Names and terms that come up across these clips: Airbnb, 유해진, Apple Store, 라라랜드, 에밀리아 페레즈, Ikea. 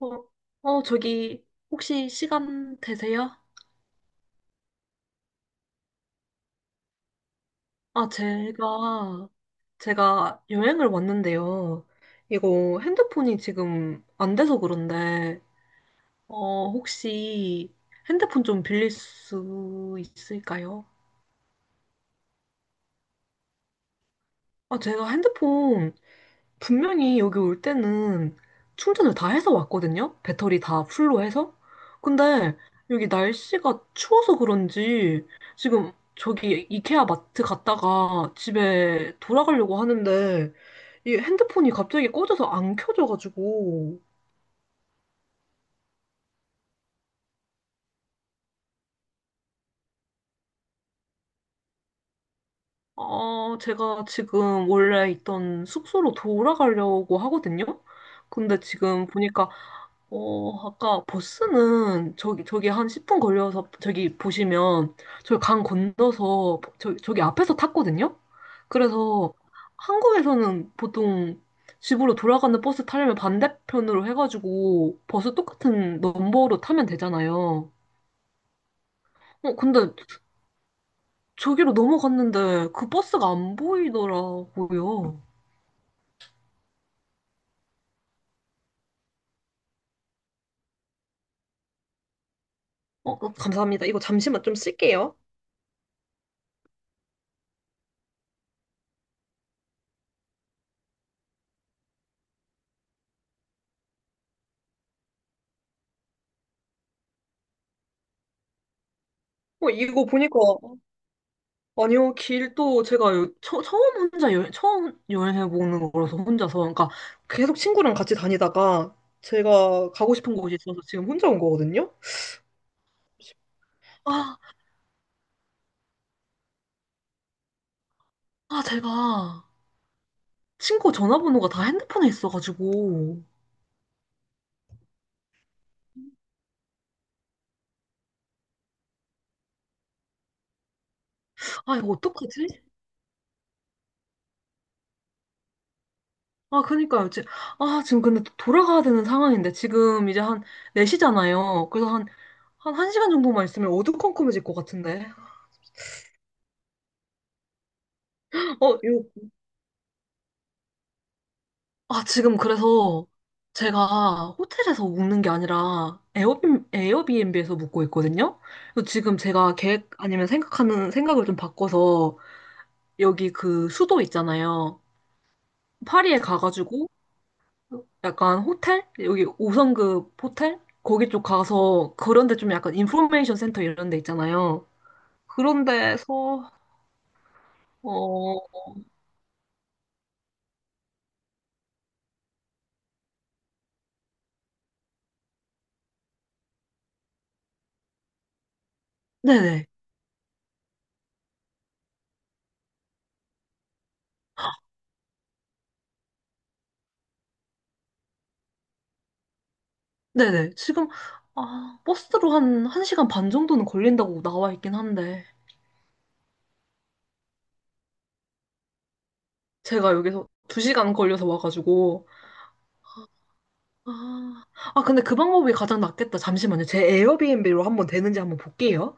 어, 어, 저기, 혹시 시간 되세요? 아, 제가, 제가 여행을 왔는데요. 이거 핸드폰이 지금 안 돼서 그런데, 혹시 핸드폰 좀 빌릴 수 있을까요? 제가 핸드폰 분명히 여기 올 때는 충전을 다 해서 왔거든요? 배터리 다 풀로 해서? 근데 여기 날씨가 추워서 그런지 지금 저기 이케아 마트 갔다가 집에 돌아가려고 하는데 이 핸드폰이 갑자기 꺼져서 안 켜져가지고. 제가 지금 원래 있던 숙소로 돌아가려고 하거든요. 근데 지금 보니까, 아까 버스는 저기 한 10분 걸려서 저기 보시면 저기 강 건너서 저기 앞에서 탔거든요. 그래서 한국에서는 보통 집으로 돌아가는 버스 타려면 반대편으로 해가지고 버스 똑같은 넘버로 타면 되잖아요. 근데 저기로 넘어갔는데 그 버스가 안 보이더라고요. 어, 감사합니다. 이거 잠시만 좀 쓸게요. 이거 보니까, 아니요, 길도 처음 처음 여행해보는 거라서 혼자서. 그러니까 계속 친구랑 같이 다니다가 제가 가고 싶은 곳이 있어서 지금 혼자 온 거거든요? 아, 제가 친구 전화번호가 다 핸드폰에 있어가지고. 아, 이거 어떡하지? 아, 그니까요. 아, 지금 근데 또 돌아가야 되는 상황인데, 지금 이제 한 4시잖아요. 그래서 한 1시간 정도만 있으면 어두컴컴해질 것 같은데. 어, 이거 지금 그래서 제가 호텔에서 묵는 게 아니라 에어비앤비에서 묵고 있거든요. 그래서 지금 제가 계획 아니면 생각하는 생각을 좀 바꿔서 여기 그 수도 있잖아요. 파리에 가가지고 약간 호텔? 여기 5성급 호텔? 거기 쪽 가서 그런데 좀 약간 인포메이션 센터 이런 데 있잖아요. 그런 데서, 어, 네네. 네네. 아, 버스로 한 1시간 반 정도는 걸린다고 나와 있긴 한데. 제가 여기서 두 시간 걸려서 와가지고. 아, 근데 그 방법이 가장 낫겠다. 잠시만요. 제 에어비앤비로 한번 되는지 한번 볼게요.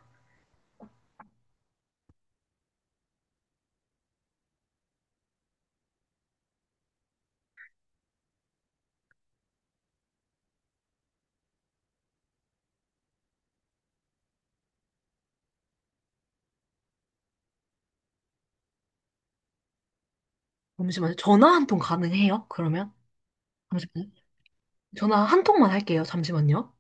잠시만요. 전화 한 통 가능해요? 그러면? 잠시만요. 전화 한 통만 할게요. 잠시만요.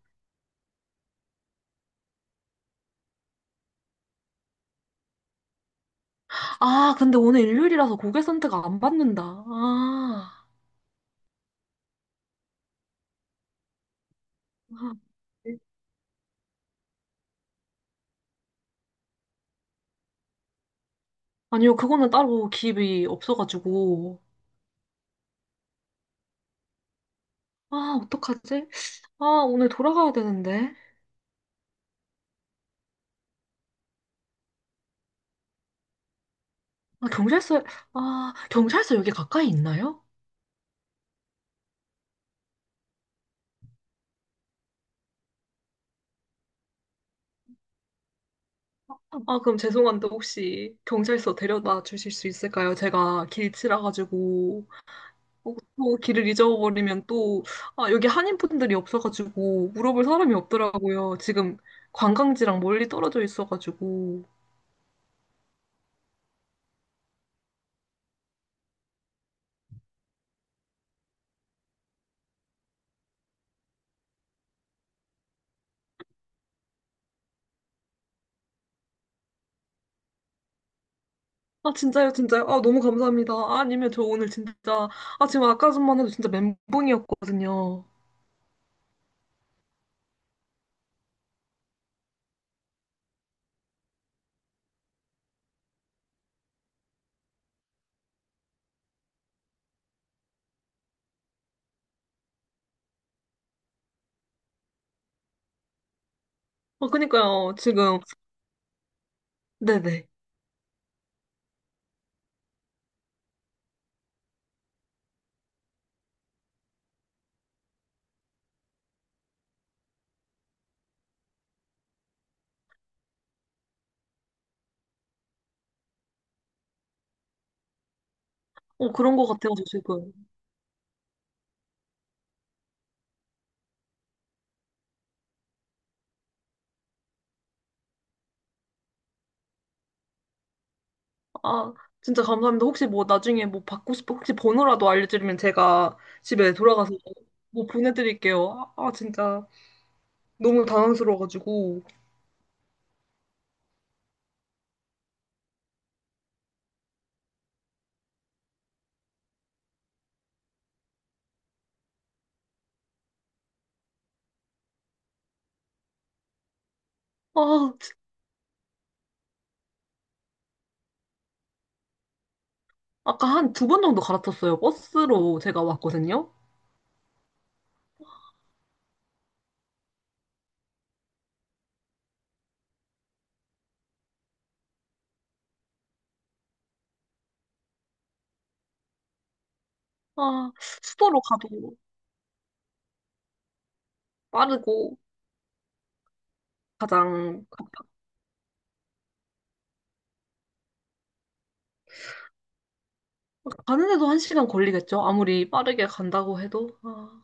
아, 근데 오늘 일요일이라서 고객센터가 안 받는다. 아. 아, 네. 아니요, 그거는 따로 기입이 없어가지고. 아, 어떡하지? 아, 오늘 돌아가야 되는데. 아, 경찰서, 아, 경찰서 여기 가까이 있나요? 아, 그럼 죄송한데 혹시 경찰서 데려다 주실 수 있을까요? 제가 길치라 가지고 어, 또 길을 잊어버리면 또 아, 여기 한인분들이 없어가지고 물어볼 사람이 없더라고요. 지금 관광지랑 멀리 떨어져 있어가지고. 아 진짜요, 진짜요? 아 너무 감사합니다. 아, 아니면 저 오늘 진짜 아 지금 아까 전만 해도 진짜 멘붕이었거든요. 아 그니까요 지금 네네. 어 그런 것 같아가지고 지금. 아, 진짜 감사합니다. 혹시 뭐 나중에 뭐 받고 싶어, 혹시 번호라도 알려드리면 제가 집에 돌아가서 뭐 보내드릴게요. 아, 진짜 너무 당황스러워가지고. 아, 지- 아까 한 두 번 정도 갈아탔어요. 버스로 제가 왔거든요. 아, 수도로 가도 빠르고 가장, 가- 가는 데도 한 시간 걸리겠죠? 아무리 빠르게 간다고 해도. 아.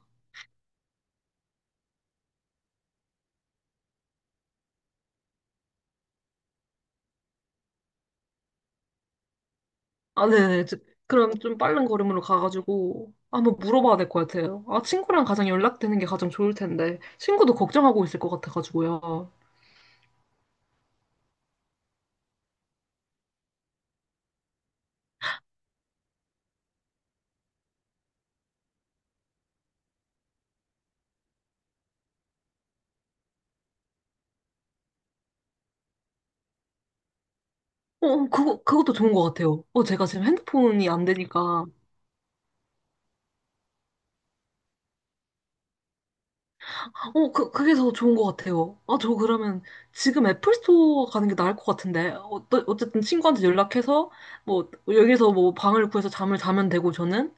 아, 네네. 저- 그럼 좀 빠른 걸음으로 가가지고 한번 물어봐야 될 것 같아요. 아, 친구랑 가장 연락되는 게 가장 좋을 텐데, 친구도 걱정하고 있을 것 같아가지고요. 어, 어, 그것도 좋은 것 같아요. 어, 제가 지금 핸드폰이 안 되니까. 어, 그게 더 좋은 것 같아요. 아, 저 그러면 지금 애플 스토어 가는 게 나을 것 같은데. 어, 어쨌든 친구한테 연락해서, 뭐, 여기서 뭐 방을 구해서 잠을 자면 되고, 저는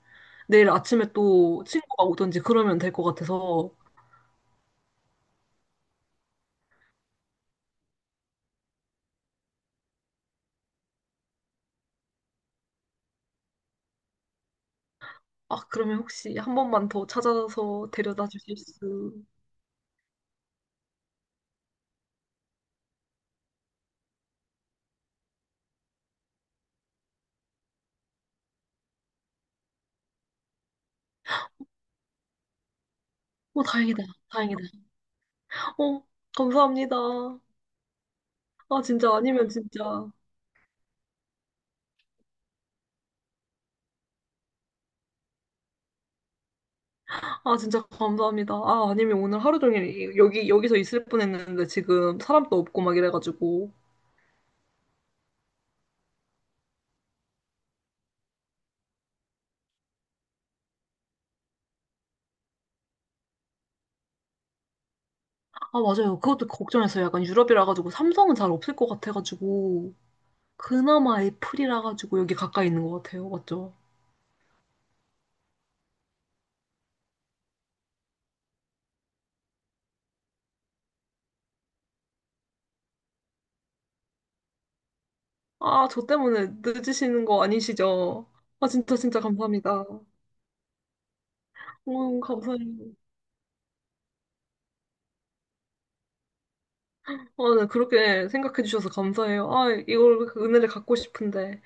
내일 아침에 또 친구가 오든지 그러면 될 것 같아서. 아, 그러면 혹시 한 번만 더 찾아서 데려다 주실 수? 어, 다행이다. 다행이다. 어, 감사합니다. 아, 진짜 아니면 진짜. 아, 진짜 감사합니다. 아, 아니면 오늘 하루 종일 여기서 있을 뻔했는데 지금 사람도 없고 막 이래가지고. 아, 맞아요. 그것도 걱정했어요. 약간 유럽이라 가지고 삼성은 잘 없을 것 같아가지고. 그나마 애플이라 가지고 여기 가까이 있는 것 같아요. 맞죠? 아, 저 때문에 늦으시는 거 아니시죠? 진짜 감사합니다. 감사해요. 아, 네, 그렇게 생각해 주셔서 감사해요. 아, 이걸, 그 은혜를 갖고 싶은데.